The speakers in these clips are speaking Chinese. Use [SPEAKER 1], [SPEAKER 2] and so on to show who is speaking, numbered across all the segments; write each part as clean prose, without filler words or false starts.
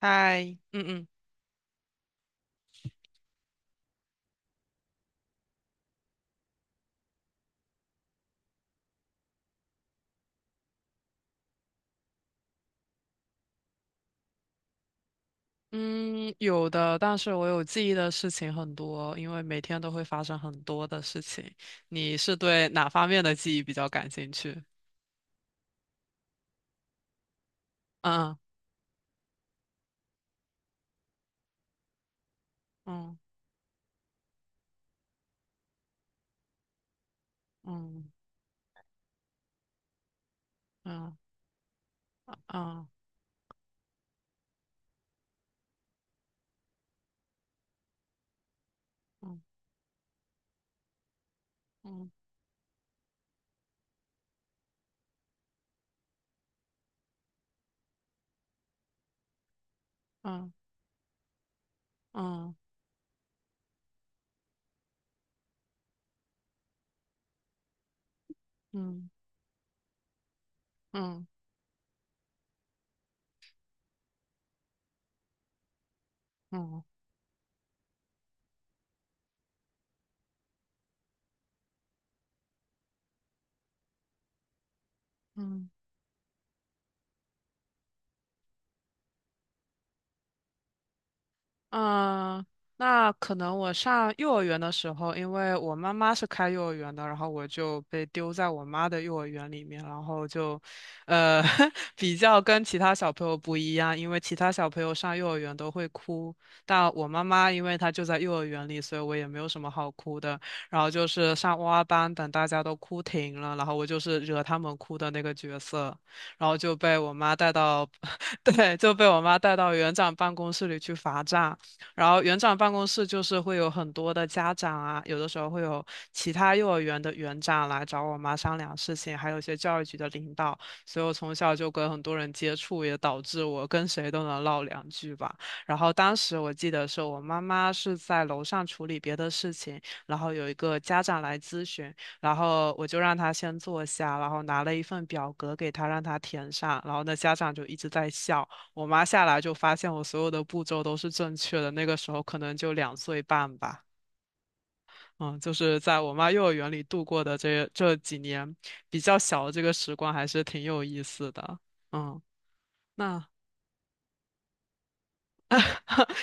[SPEAKER 1] 嗨，嗯嗯嗯，有的，但是我有记忆的事情很多，因为每天都会发生很多的事情。你是对哪方面的记忆比较感兴趣？嗯嗯嗯嗯嗯嗯嗯嗯嗯嗯嗯嗯。嗯，那可能我上幼儿园的时候，因为我妈妈是开幼儿园的，然后我就被丢在我妈的幼儿园里面，然后就，呃，比较跟其他小朋友不一样，因为其他小朋友上幼儿园都会哭，但我妈妈因为她就在幼儿园里，所以我也没有什么好哭的。然后就是上哇哇班，等大家都哭停了，然后我就是惹他们哭的那个角色，然后就被我妈带到，对，就被我妈带到园长办公室里去罚站。然后园长办公室就是会有很多的家长啊，有的时候会有其他幼儿园的园长来找我妈商量事情，还有一些教育局的领导，所以我从小就跟很多人接触，也导致我跟谁都能唠两句吧。然后当时我记得是我妈妈是在楼上处理别的事情，然后有一个家长来咨询，然后我就让他先坐下，然后拿了一份表格给他，让他填上，然后那家长就一直在笑。我妈下来就发现我所有的步骤都是正确的，那个时候可能就两岁半吧。嗯，就是在我妈幼儿园里度过的这几年比较小的这个时光，还是挺有意思的。嗯，那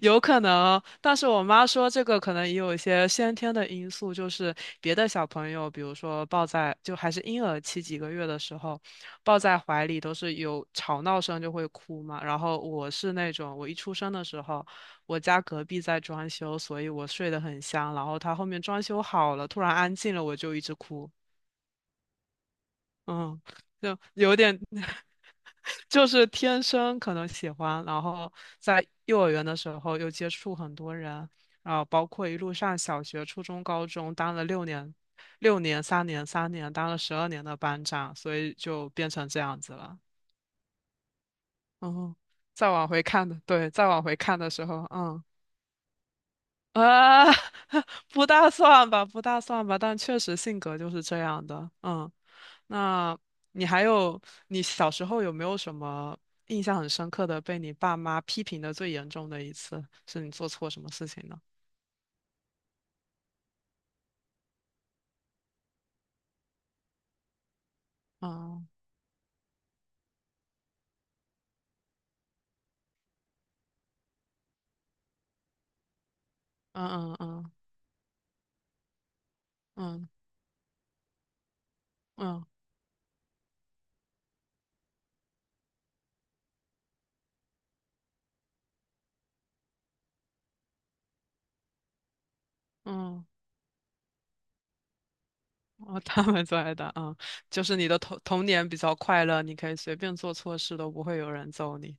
[SPEAKER 1] 有可能，但是我妈说这个可能也有一些先天的因素，就是别的小朋友，比如说抱在就还是婴儿期几个月的时候，抱在怀里都是有吵闹声就会哭嘛。然后我是那种，我一出生的时候，我家隔壁在装修，所以我睡得很香。然后他后面装修好了，突然安静了，我就一直哭。嗯，就有点，就是天生可能喜欢，然后在幼儿园的时候又接触很多人，然后包括一路上小学、初中、高中当了六年，六年、三年、三年，当了十二年的班长，所以就变成这样子了。嗯，再往回看的，对，再往回看的时候，嗯。啊，不大算吧，不大算吧，但确实性格就是这样的。嗯，那你还有，你小时候有没有什么印象很深刻的被你爸妈批评的最严重的一次，是你做错什么事情呢？嗯嗯嗯嗯嗯嗯嗯，哦，他们最爱的，嗯，就是你的童年比较快乐，你可以随便做错事都不会有人揍你。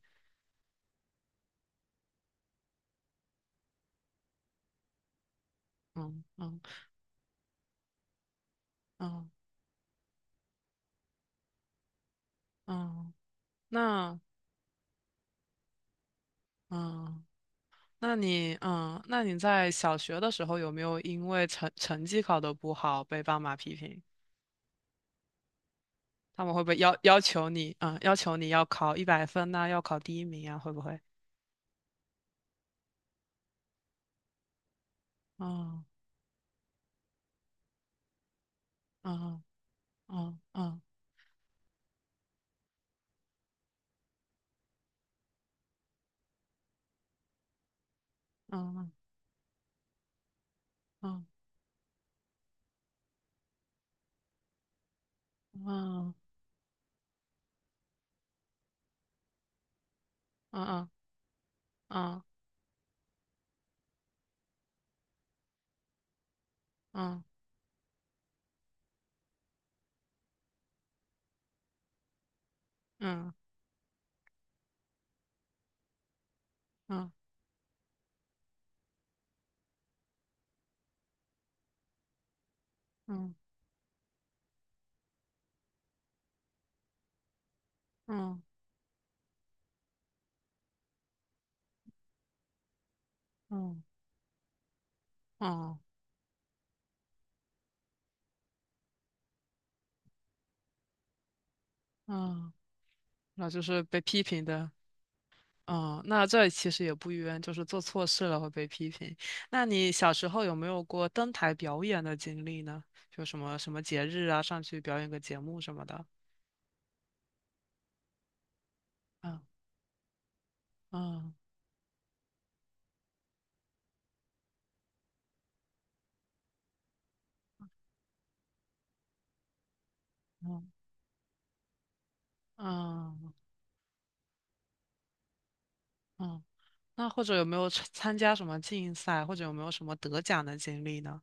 [SPEAKER 1] 嗯嗯嗯嗯，那嗯，那你嗯，那你在小学的时候有没有因为成绩考得不好被爸妈批评？他们会不会要求你，嗯，要求你要考一百分呐、要考第一名啊，会不会？嗯嗯嗯嗯嗯嗯嗯嗯嗯嗯嗯嗯嗯嗯嗯嗯嗯，嗯那就是被批评的。嗯，那这其实也不冤，就是做错事了会被批评。那你小时候有没有过登台表演的经历呢？就什么什么节日啊，上去表演个节目什么的。嗯嗯嗯嗯嗯，那或者有没有参加什么竞赛，或者有没有什么得奖的经历呢？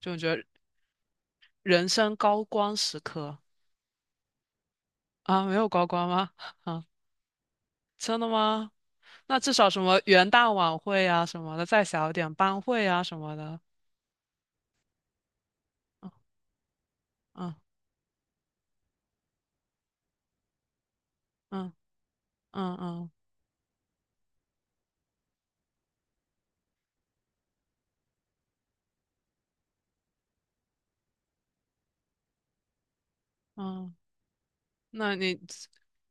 [SPEAKER 1] 就你觉得人生高光时刻啊，没有高光吗？啊，真的吗？那至少什么元旦晚会啊什么的，再小一点班会啊什么的。嗯嗯嗯嗯嗯嗯，那你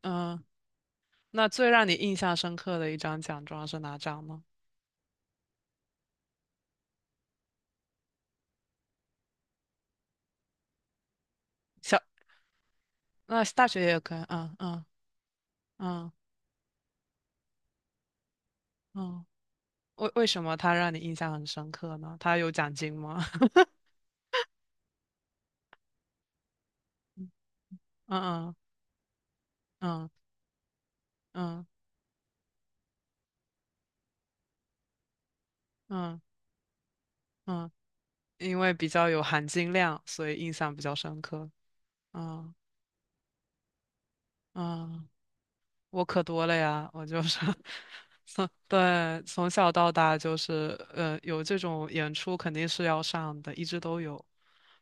[SPEAKER 1] 嗯，那最让你印象深刻的一张奖状是哪张呢？小，那大学也可以。嗯嗯嗯嗯为什么他让你印象很深刻呢？他有奖金吗？嗯嗯嗯嗯嗯嗯，因为比较有含金量，所以印象比较深刻。嗯嗯。我可多了呀，我就是 从对从小到大就是呃有这种演出肯定是要上的，一直都有。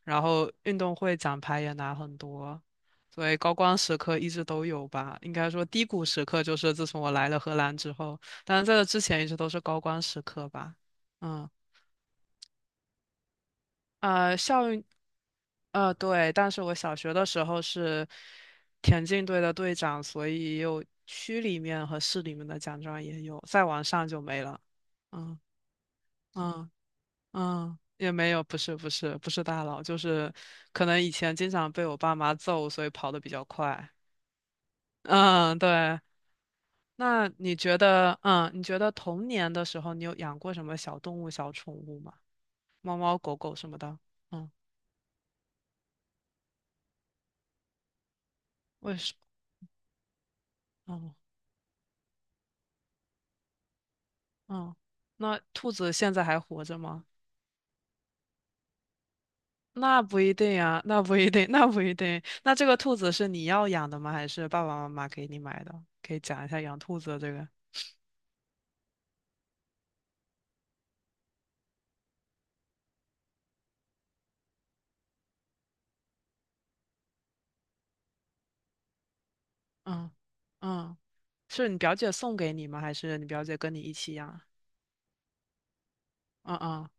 [SPEAKER 1] 然后运动会奖牌也拿很多，所以高光时刻一直都有吧。应该说低谷时刻就是自从我来了荷兰之后，但是在这之前一直都是高光时刻吧。嗯，呃，校呃，对，但是我小学的时候是田径队的队长，所以也有区里面和市里面的奖状也有，再往上就没了。嗯嗯嗯，也没有，不是不是不是大佬，就是可能以前经常被我爸妈揍，所以跑得比较快。嗯，对。那你觉得，嗯，你觉得童年的时候你有养过什么小动物、小宠物吗？猫猫、狗狗什么的？嗯，为什么？嗯嗯，那兔子现在还活着吗？那不一定啊，那不一定，那不一定。那这个兔子是你要养的吗？还是爸爸妈妈给你买的？可以讲一下养兔子的这个。嗯嗯，是你表姐送给你吗？还是你表姐跟你一起养？嗯嗯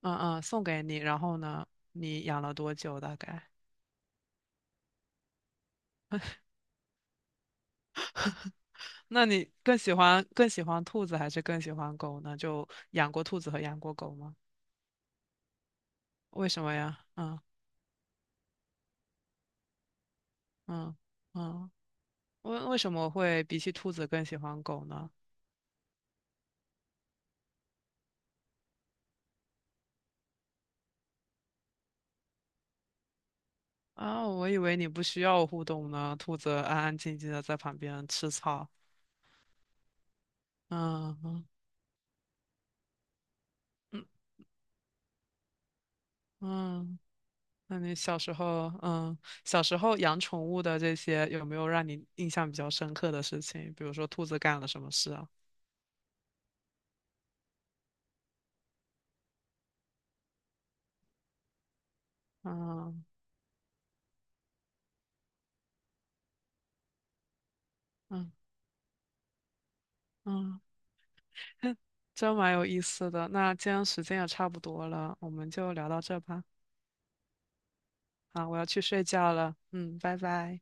[SPEAKER 1] 嗯嗯，送给你。然后呢，你养了多久大概？那你更喜欢更喜欢兔子还是更喜欢狗呢？就养过兔子和养过狗吗？为什么呀？嗯嗯嗯，为什么会比起兔子更喜欢狗呢？啊，我以为你不需要互动呢，兔子安安静静的在旁边吃草。嗯嗯嗯，嗯，那你小时候，嗯，小时候养宠物的这些，有没有让你印象比较深刻的事情？比如说兔子干了什么事啊？嗯嗯嗯，真蛮有意思的。那今天时间也差不多了，我们就聊到这吧。啊，我要去睡觉了。嗯，拜拜。